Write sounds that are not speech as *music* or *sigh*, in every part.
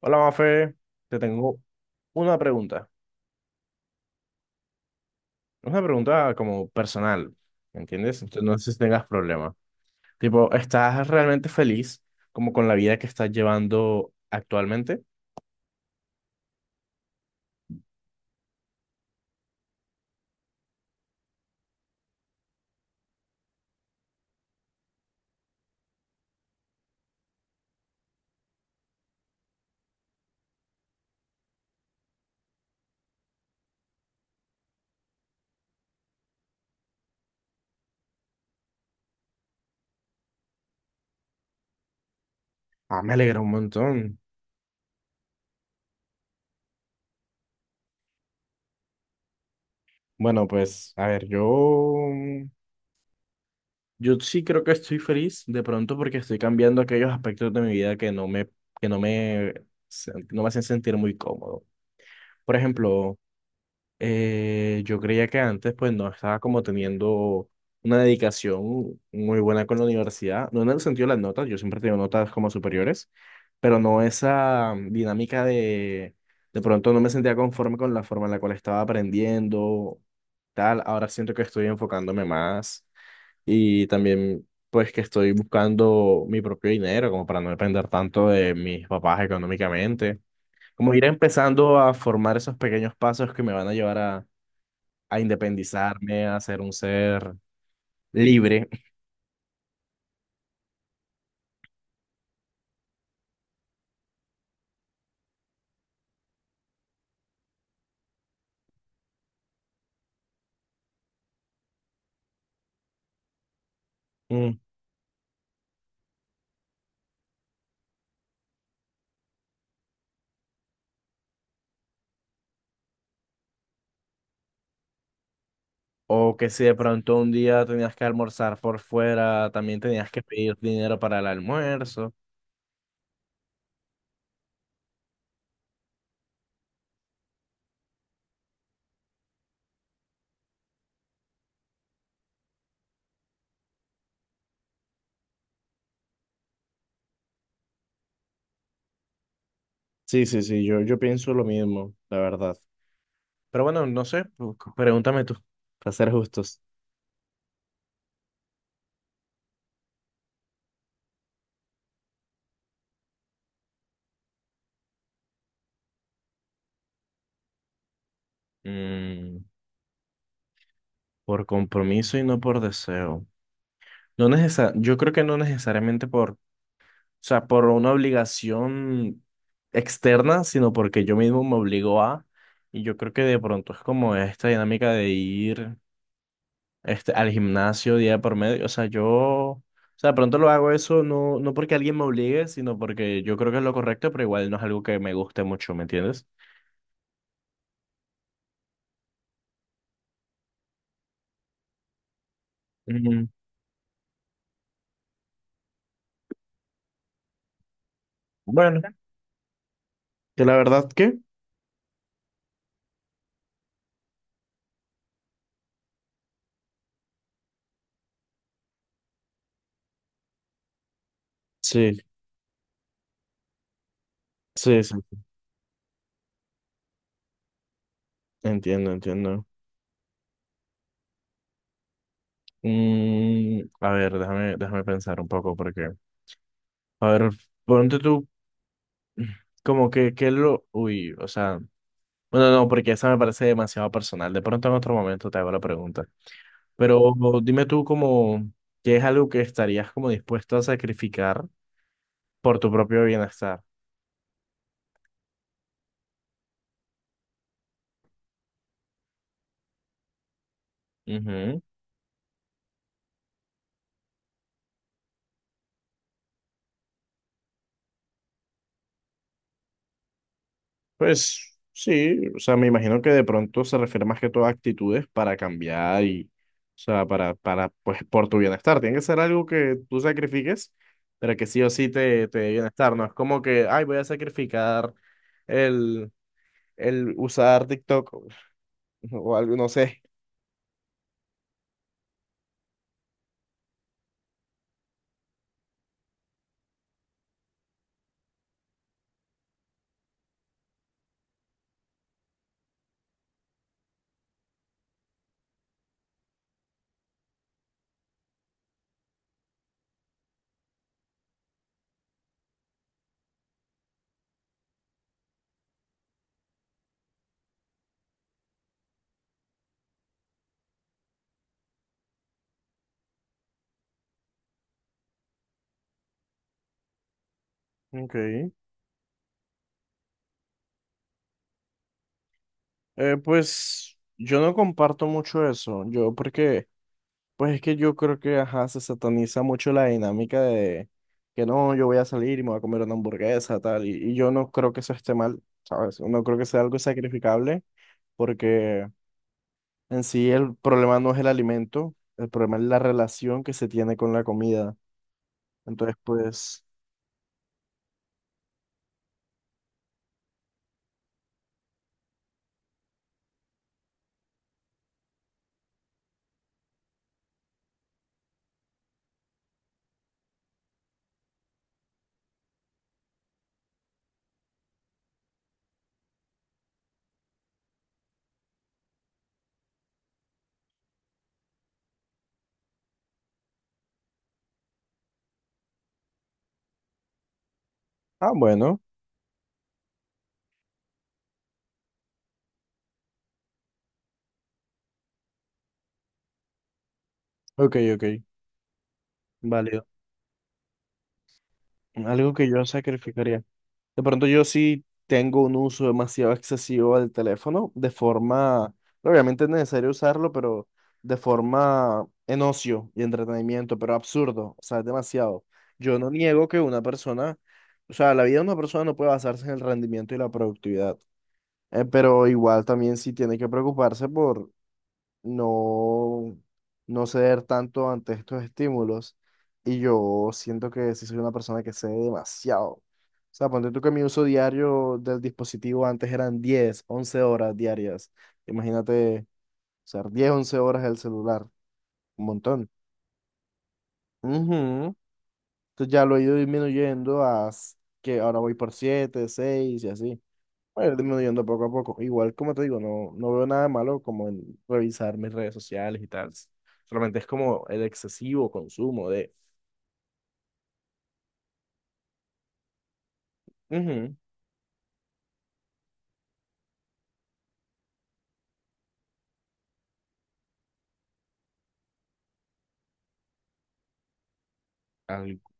Hola, Mafe, te tengo una pregunta. Una pregunta como personal, ¿me entiendes? Entonces, no sé si tengas problema. Tipo, ¿estás realmente feliz como con la vida que estás llevando actualmente? Ah, me alegra un montón. Bueno, pues, a ver, Yo sí creo que estoy feliz de pronto porque estoy cambiando aquellos aspectos de mi vida que no me, no me hacen sentir muy cómodo. Por ejemplo, yo creía que antes pues no estaba como teniendo una dedicación muy buena con la universidad, no en el sentido de las notas, yo siempre he notas como superiores, pero no esa dinámica de pronto no me sentía conforme con la forma en la cual estaba aprendiendo, tal, ahora siento que estoy enfocándome más y también pues que estoy buscando mi propio dinero como para no depender tanto de mis papás económicamente, como ir empezando a formar esos pequeños pasos que me van a llevar a independizarme, a ser un ser libre. Mm. O que si de pronto un día tenías que almorzar por fuera, también tenías que pedir dinero para el almuerzo. Sí, sí, sí, yo pienso lo mismo, la verdad. Pero bueno, no sé, pregúntame tú, para ser justos. Mm, por compromiso y no por deseo. No necesa- Yo creo que no necesariamente por o sea, por una obligación externa, sino porque yo mismo me obligo a, y yo creo que de pronto es como esta dinámica de ir al gimnasio día por medio. O sea, yo, o sea, de pronto lo hago eso no, no porque alguien me obligue, sino porque yo creo que es lo correcto, pero igual no es algo que me guste mucho, ¿me entiendes? Mm, bueno, que la verdad que sí, sí, sí, entiendo, entiendo. Mm, a ver, déjame pensar un poco porque, a ver, ponte tú. Como que lo... Uy, o sea, bueno, no, porque esa me parece demasiado personal. De pronto en otro momento te hago la pregunta. Pero dime tú como, ¿qué es algo que estarías como dispuesto a sacrificar por tu propio bienestar? Ujú. Pues sí, o sea, me imagino que de pronto se refiere más que todo a actitudes para cambiar y, o sea, pues, por tu bienestar. Tiene que ser algo que tú sacrifiques, pero que sí o sí te dé bienestar. No es como que, ay, voy a sacrificar el, el usar TikTok o algo, no sé. Ok. Pues yo no comparto mucho eso. Yo porque, pues es que yo creo que, ajá, se sataniza mucho la dinámica de que no, yo voy a salir y me voy a comer una hamburguesa, tal. Y yo no creo que eso esté mal, ¿sabes? No creo que sea algo sacrificable porque en sí el problema no es el alimento, el problema es la relación que se tiene con la comida. Entonces, pues, ah, bueno, ok, ok, válido. Algo que yo sacrificaría. De pronto yo sí tengo un uso demasiado excesivo del teléfono, de forma, obviamente es necesario usarlo, pero de forma en ocio y entretenimiento, pero absurdo, o sea, es demasiado. Yo no niego que una persona, o sea, la vida de una persona no puede basarse en el rendimiento y la productividad, pero igual también sí tiene que preocuparse por no, no ceder tanto ante estos estímulos. Y yo siento que sí soy una persona que cede demasiado. O sea, ponte tú que mi uso diario del dispositivo antes eran 10 u 11 horas diarias. Imagínate, o sea, 10, 11 horas el celular, un montón. Ujú. Entonces ya lo he ido disminuyendo a que ahora voy por 7 o 6 y así. Va a ir disminuyendo poco a poco. Igual, como te digo, no, no veo nada de malo como en revisar mis redes sociales y tal. Solamente es como el excesivo consumo de... ujú, algo.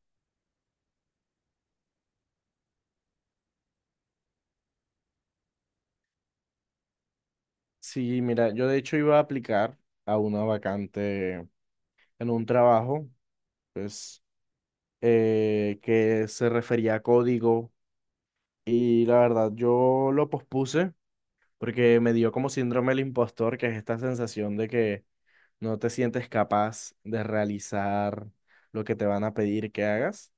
Sí, mira, yo de hecho iba a aplicar a una vacante en un trabajo, pues, que se refería a código y la verdad yo lo pospuse porque me dio como síndrome del impostor, que es esta sensación de que no te sientes capaz de realizar lo que te van a pedir que hagas,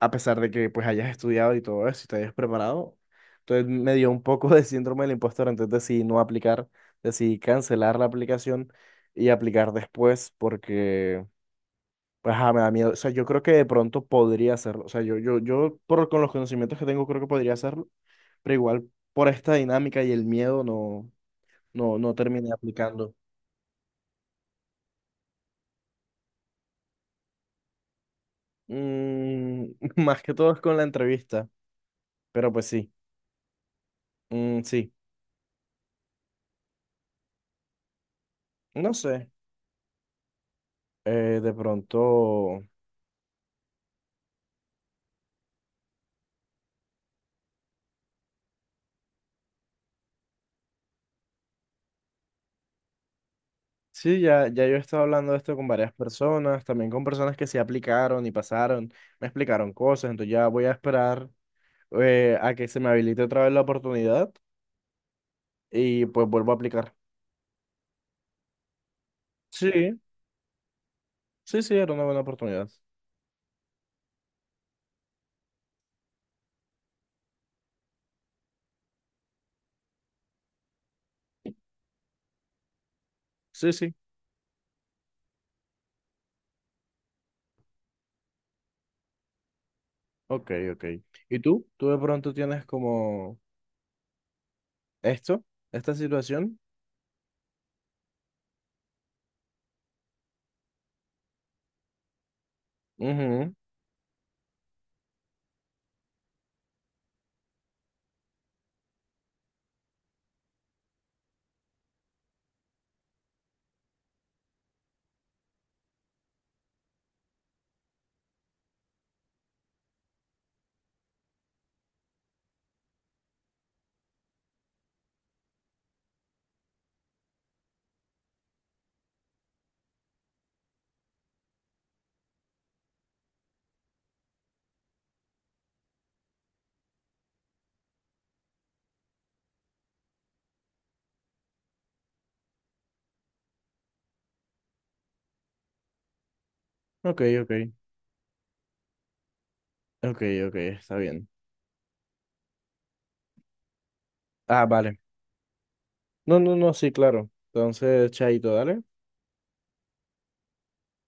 a pesar de que pues hayas estudiado y todo eso y te hayas preparado. Entonces me dio un poco de síndrome del impostor, entonces decidí no aplicar, decidí cancelar la aplicación y aplicar después porque pues ajá, me da miedo. O sea, yo creo que de pronto podría hacerlo. O sea, yo por, con los conocimientos que tengo creo que podría hacerlo, pero igual por esta dinámica y el miedo no. No, no terminé aplicando. Mm, *laughs* más que todo es con la entrevista, pero pues sí, Mm, sí, no sé, de pronto, sí, ya yo he estado hablando de esto con varias personas, también con personas que se aplicaron y pasaron, me explicaron cosas, entonces ya voy a esperar a que se me habilite otra vez la oportunidad y pues vuelvo a aplicar. Sí, sí, sí, era una buena oportunidad. Sí, sí, ok, ok. ¿Y tú? ¿Tú de pronto tienes como esto, esta situación? Ujú. Ok, ok, ok, ok, está bien. Ah, vale. No, no, no, sí, claro. Entonces, chaito, dale.